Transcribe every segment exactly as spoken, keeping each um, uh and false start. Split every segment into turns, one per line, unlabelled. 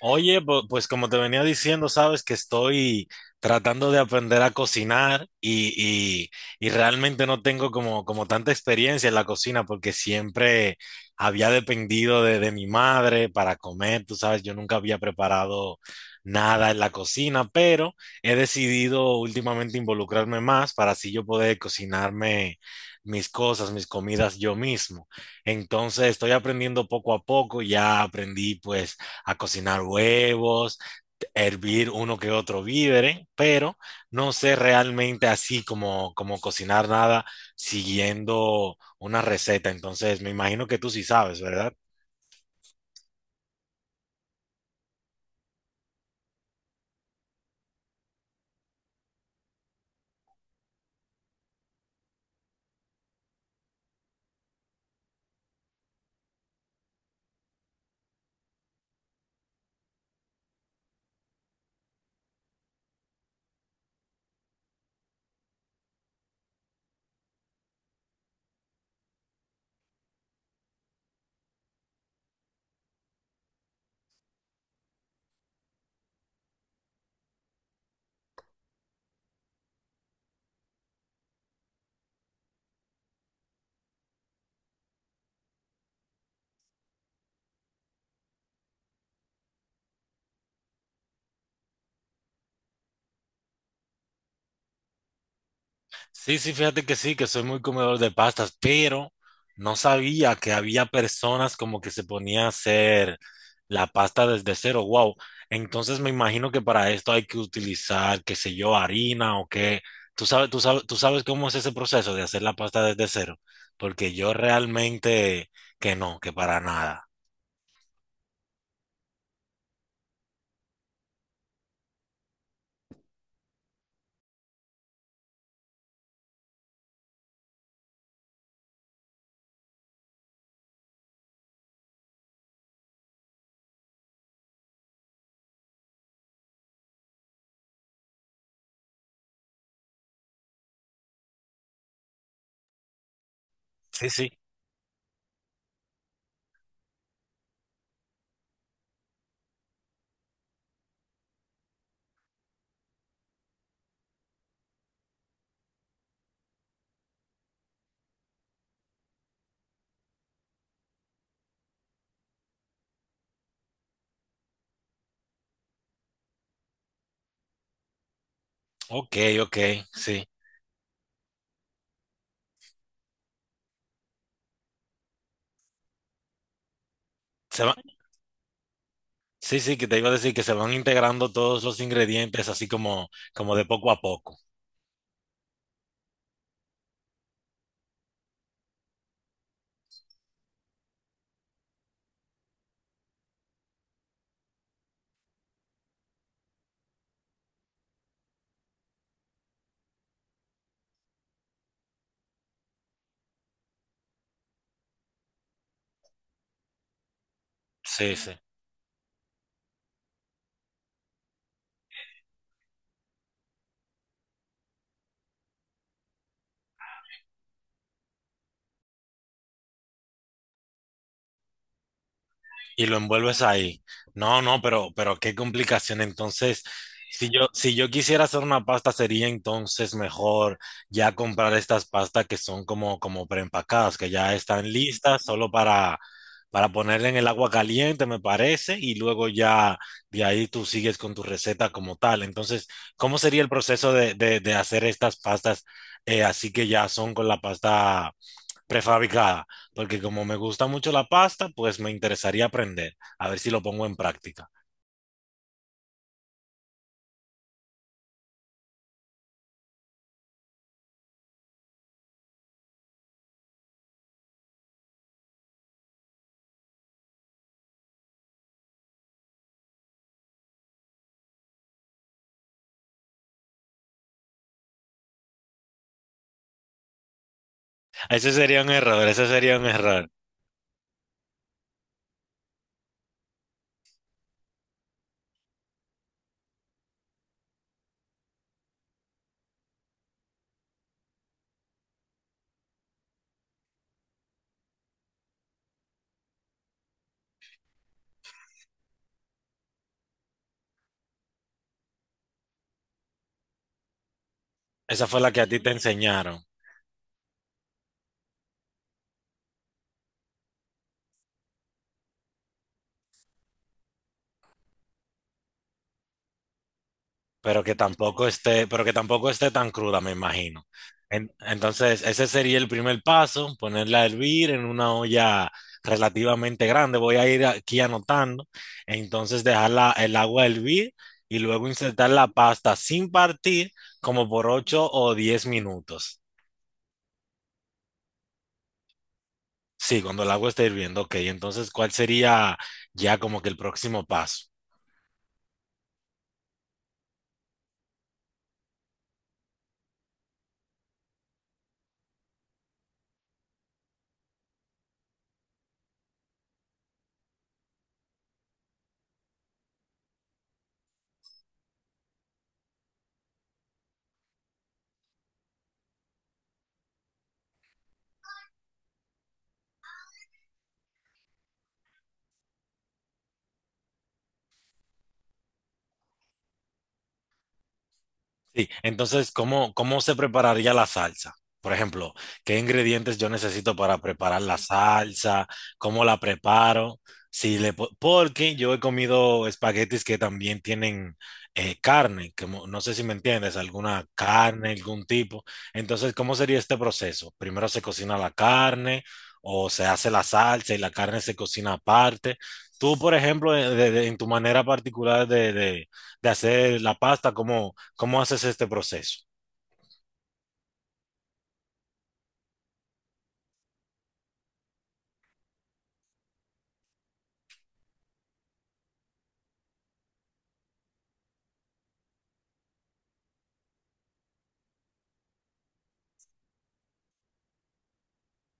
Oye, po- pues como te venía diciendo, sabes que estoy tratando de aprender a cocinar y, y- y realmente no tengo como, como tanta experiencia en la cocina porque siempre había dependido de, de mi madre para comer, tú sabes, yo nunca había preparado nada en la cocina, pero he decidido últimamente involucrarme más para así yo poder cocinarme mis cosas, mis comidas yo mismo. Entonces estoy aprendiendo poco a poco, ya aprendí pues a cocinar huevos, hervir uno que otro vídere, pero no sé realmente así como, como cocinar nada siguiendo una receta. Entonces, me imagino que tú sí sabes, ¿verdad? Sí, sí, fíjate que sí, que soy muy comedor de pastas, pero no sabía que había personas como que se ponía a hacer la pasta desde cero. Wow. Entonces me imagino que para esto hay que utilizar, qué sé yo, harina o qué. Tú sabes, tú sabes, tú sabes cómo es ese proceso de hacer la pasta desde cero, porque yo realmente que no, que para nada. Sí, sí. Ok, ok, sí. Se va- Sí, sí, que te iba a decir que se van integrando todos los ingredientes así como, como de poco a poco. Sí, sí. Y lo envuelves ahí. No, no, pero, pero qué complicación. Entonces, si yo, si yo quisiera hacer una pasta, sería entonces mejor ya comprar estas pastas que son como, como preempacadas, que ya están listas solo para, para ponerle en el agua caliente, me parece, y luego ya de ahí tú sigues con tu receta como tal. Entonces, ¿cómo sería el proceso de, de- de hacer estas pastas eh, así que ya son con la pasta prefabricada? Porque como me gusta mucho la pasta, pues me interesaría aprender, a ver si lo pongo en práctica. Ese sería un error, ese sería un error. Esa fue la que a ti te enseñaron, pero que tampoco esté, pero que tampoco esté tan cruda, me imagino. En- entonces, ese sería el primer paso, ponerla a hervir en una olla relativamente grande. Voy a ir aquí anotando. Entonces, dejar la- el agua hervir y luego insertar la pasta sin partir como por ocho o diez minutos. Sí, cuando el agua está hirviendo, ok. Entonces, ¿cuál sería ya como que el próximo paso? Sí, entonces, ¿cómo, cómo se prepararía la salsa? Por ejemplo, ¿qué ingredientes yo necesito para preparar la salsa? ¿Cómo la preparo? Si le, po- Porque yo he comido espaguetis que también tienen eh, carne, que mo- no sé si me entiendes, alguna carne, algún tipo. Entonces, ¿cómo sería este proceso? Primero se cocina la carne o se hace la salsa y la carne se cocina aparte. Tú, por ejemplo, eh, de- de- en tu manera particular de, de, de hacer la pasta, cómo, cómo haces este proceso.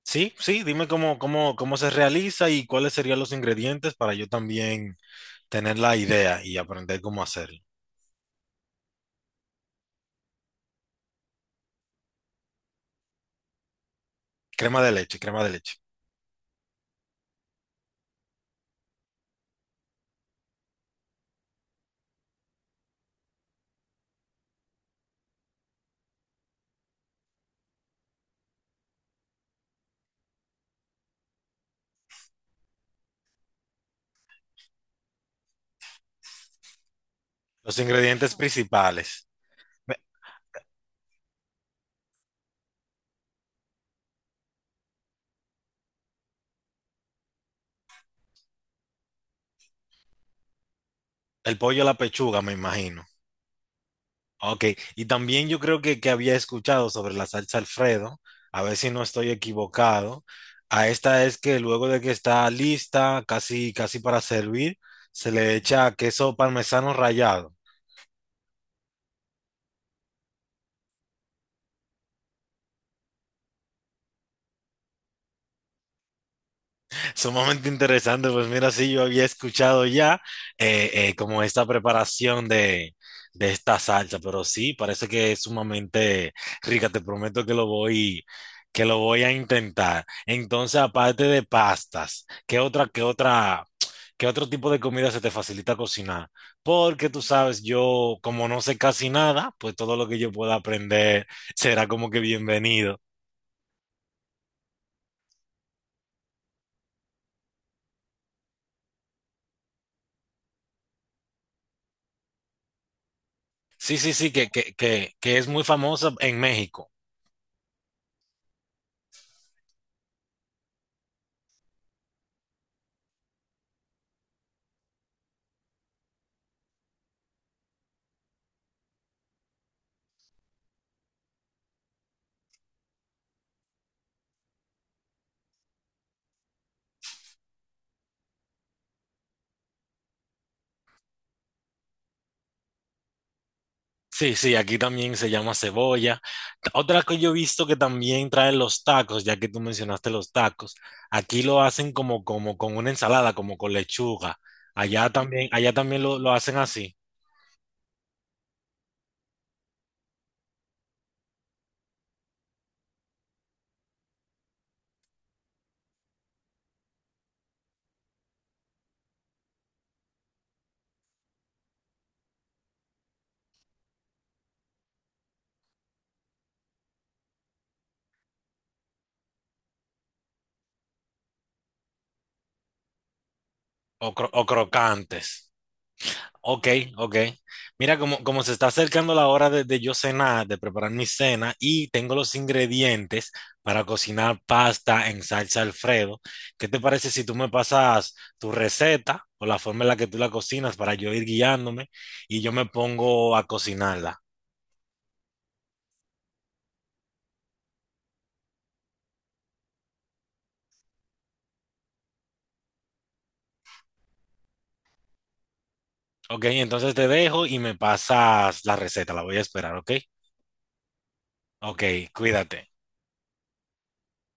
Sí, sí, dime cómo, cómo, cómo se realiza y cuáles serían los ingredientes para yo también tener la idea y aprender cómo hacerlo. Crema de leche, crema de leche. Los ingredientes principales. Me- El pollo a la pechuga, me imagino. Ok, y también yo creo que, que había escuchado sobre la salsa Alfredo, a ver si no estoy equivocado. A esta es que luego de que está lista, casi, casi para servir, se le echa queso parmesano rallado. Sumamente interesante, pues mira, sí, yo había escuchado ya eh, eh, como esta preparación de, de esta salsa, pero sí, parece que es sumamente rica, te prometo que lo voy, que lo voy a intentar. Entonces, aparte de pastas, ¿qué otra, qué otra, ¿qué otro tipo de comida se te facilita cocinar? Porque tú sabes, yo como no sé casi nada, pues todo lo que yo pueda aprender será como que bienvenido. Sí, sí, sí, que, que, que, que es muy famosa en México. Sí, sí, aquí también se llama cebolla. Ta- Otra que yo he visto que también traen los tacos, ya que tú mencionaste los tacos, aquí lo hacen como, como con una ensalada, como con lechuga. Allá también, allá también lo, lo hacen así, o, cro- o crocantes. Ok, ok. Mira, como, como se está acercando la hora de, de yo cenar, de preparar mi cena, y tengo los ingredientes para cocinar pasta en salsa Alfredo, ¿qué te parece si tú me pasas tu receta o la forma en la que tú la cocinas para yo ir guiándome y yo me pongo a cocinarla? Ok, entonces te dejo y me pasas la receta, la voy a esperar, ¿ok? Ok, cuídate.